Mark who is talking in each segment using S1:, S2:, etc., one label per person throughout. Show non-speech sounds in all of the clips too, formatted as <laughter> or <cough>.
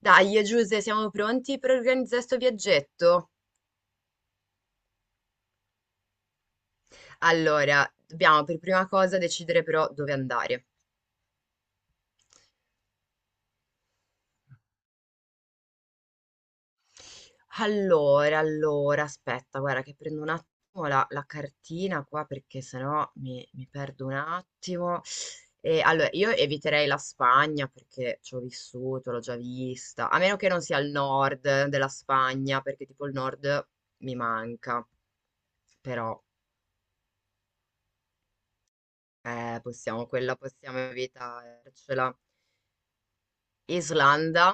S1: Dai, Giuse, siamo pronti per organizzare sto viaggetto? Allora, dobbiamo per prima cosa decidere però dove andare. Allora, allora, aspetta, guarda che prendo un attimo la cartina qua perché sennò mi perdo un attimo. E, allora, io eviterei la Spagna perché ci ho vissuto, l'ho già vista, a meno che non sia il nord della Spagna perché tipo il nord mi manca, però possiamo, quella possiamo evitarcela. Islanda?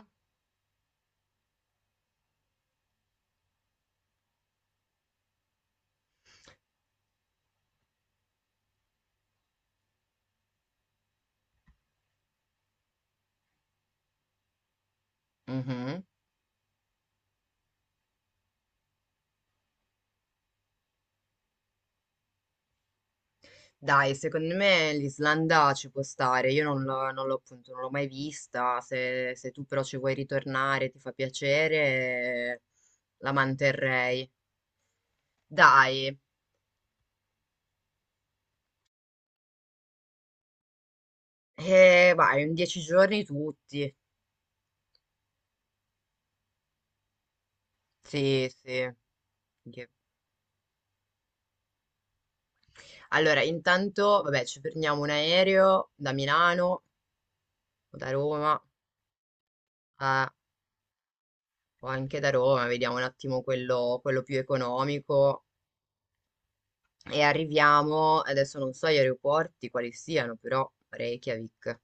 S1: Mhm. Dai, secondo me l'Islanda ci può stare. Io non l'ho appunto, non l'ho mai vista. Se tu però ci vuoi ritornare, ti fa piacere, la manterrei. Dai, vai, in dieci giorni tutti. Sì, sì. Che- Allora, intanto, vabbè, ci prendiamo un aereo da Milano o da Roma, eh, o anche da Roma, vediamo un attimo quello più economico. E arriviamo, adesso non so gli aeroporti quali siano, però Reykjavik.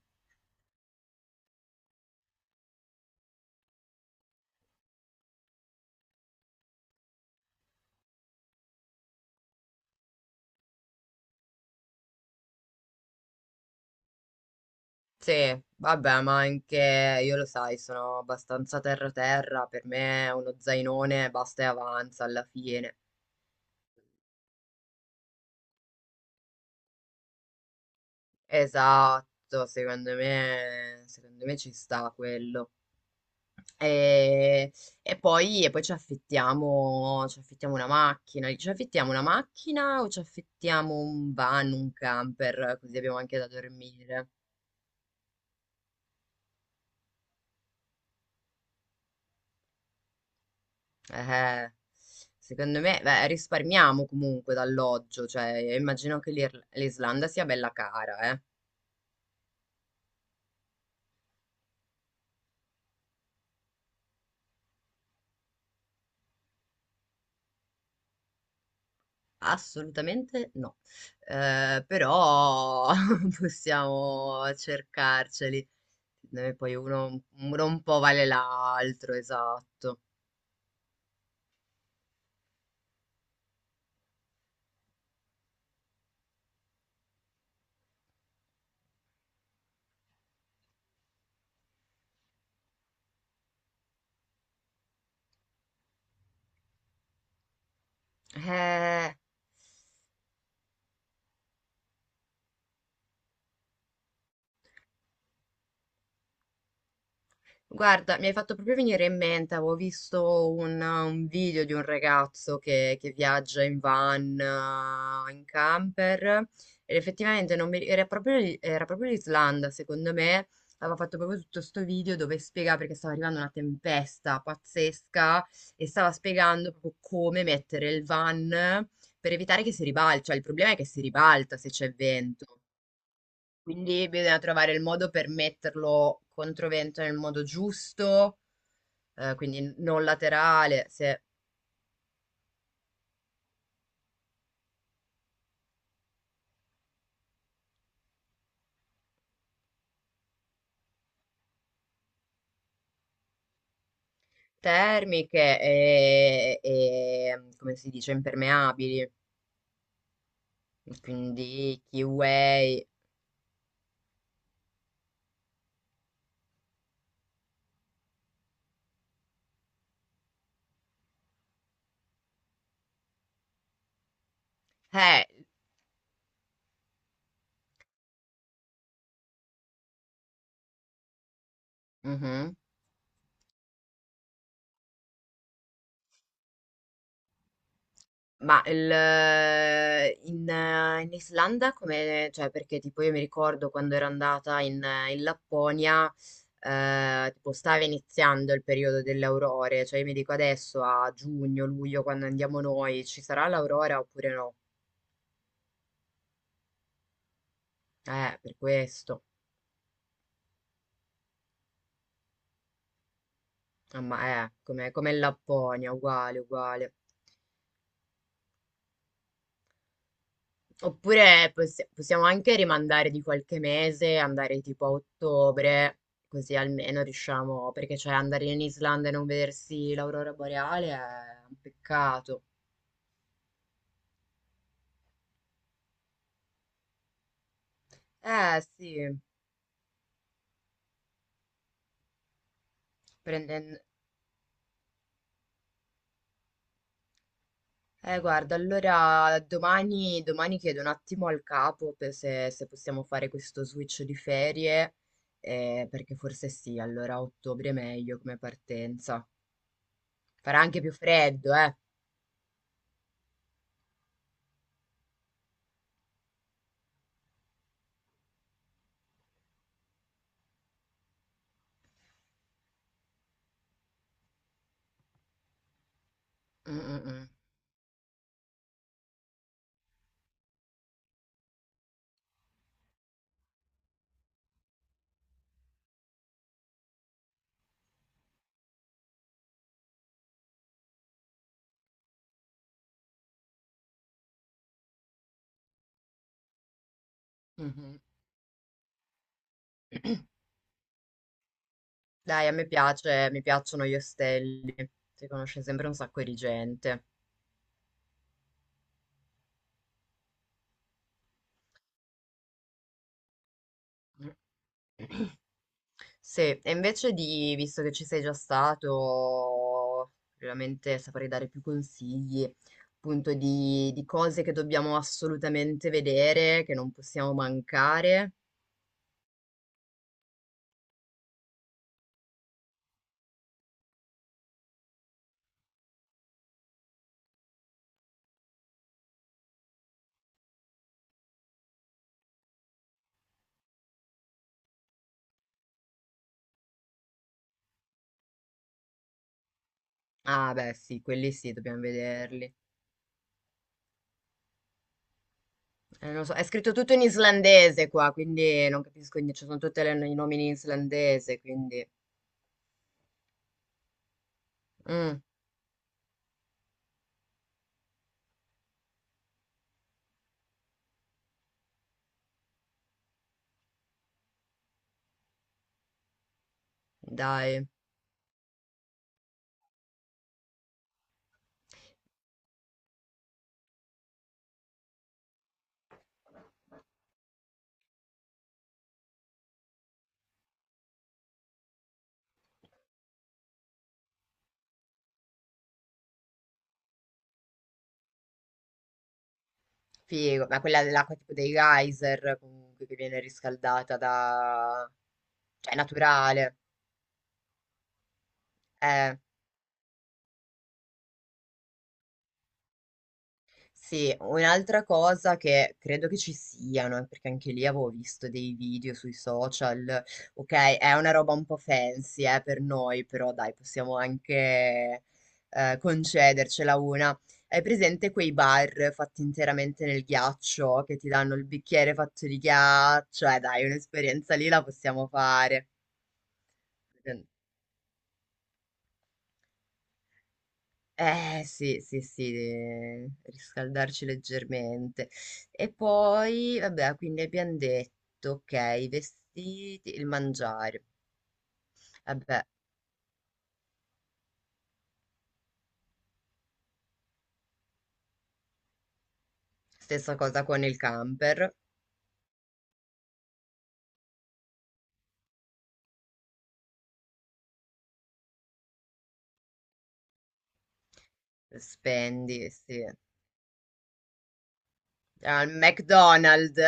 S1: Sì, vabbè, ma anche io lo sai, sono abbastanza terra-terra, per me uno zainone basta e avanza alla fine. Esatto, secondo me ci sta quello. E, e poi ci affittiamo una macchina, ci affittiamo una macchina o ci affittiamo un van, un camper, così abbiamo anche da dormire. Eh, secondo me, beh, risparmiamo comunque d'alloggio, cioè immagino che l'Islanda sia bella cara, eh. Assolutamente no. Però <laughs> possiamo cercarceli. Poi uno un po' vale l'altro, esatto. Eh. Guarda, mi hai fatto proprio venire in mente, avevo visto un video di un ragazzo che viaggia in van, in camper, ed effettivamente non mi- era proprio, era proprio l'Islanda, secondo me, aveva fatto proprio tutto sto video dove spiega perché stava arrivando una tempesta pazzesca e stava spiegando proprio come mettere il van per evitare che si ribalta, cioè il problema è che si ribalta se c'è vento. Quindi bisogna trovare il modo per metterlo contro vento nel modo giusto, quindi non laterale, se termiche e come si dice, impermeabili, quindi QA. Eh, mhm. Ma il, in, in Islanda come, cioè perché tipo io mi ricordo quando ero andata in, in Lapponia, tipo stava iniziando il periodo delle aurore, cioè io mi dico adesso a giugno, luglio, quando andiamo noi, ci sarà l'aurora oppure no? Per questo. Ah, ma è come, come in Lapponia, uguale, uguale. Oppure possiamo anche rimandare di qualche mese, andare tipo a ottobre, così almeno riusciamo, perché cioè andare in Islanda e non vedersi l'aurora boreale è un peccato. Eh sì, prendendo... guarda, allora domani chiedo un attimo al capo per se, se possiamo fare questo switch di ferie, perché forse sì, allora a ottobre è meglio come partenza. Farà anche più freddo, eh. Mm, mm, mm. Mhm. Dai, a me piace, mi piacciono gli ostelli. Si conosce sempre un sacco di gente. Mm. Sì, e invece di, visto che ci sei già stato, veramente saprei dare più consigli, appunto, di cose che dobbiamo assolutamente vedere, che non possiamo mancare. Ah, beh, sì, quelli sì, dobbiamo vederli. Non so, è scritto tutto in islandese qua, quindi non capisco niente, ci sono tutti i nomi in islandese, quindi... Mm, dai, figo. Ma quella dell'acqua tipo dei geyser comunque che viene riscaldata da... cioè naturale. Eh. Sì, un'altra cosa che credo che ci siano, perché anche lì avevo visto dei video sui social, ok, è una roba un po' fancy, per noi, però dai, possiamo anche concedercela una. Hai presente quei bar fatti interamente nel ghiaccio, che ti danno il bicchiere fatto di ghiaccio? Dai, un'esperienza lì la possiamo fare. Ehm, Eh sì, sì, sì, riscaldarci leggermente. E poi, vabbè, quindi abbiamo detto, ok, i vestiti, il mangiare. Vabbè, stessa cosa con il camper, spendi, sì. Al McDonald's.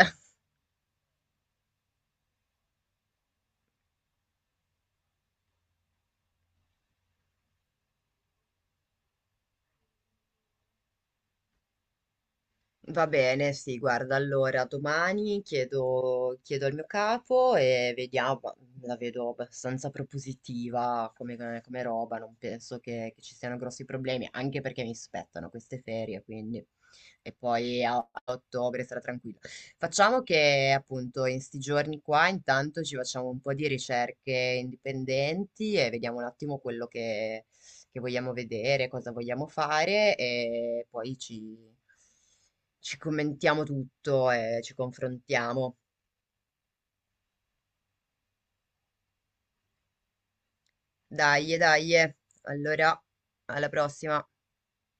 S1: Va bene, sì, guarda, allora chiedo al mio capo e vediamo, ma la vedo abbastanza propositiva come, come roba, non penso che ci siano grossi problemi, anche perché mi spettano queste ferie, quindi... E poi a, a ottobre sarà tranquillo. Facciamo che appunto in sti giorni qua intanto ci facciamo un po' di ricerche indipendenti e vediamo un attimo quello che vogliamo vedere, cosa vogliamo fare e poi ci, ci commentiamo tutto e ci confrontiamo. Dai, dai, allora alla prossima.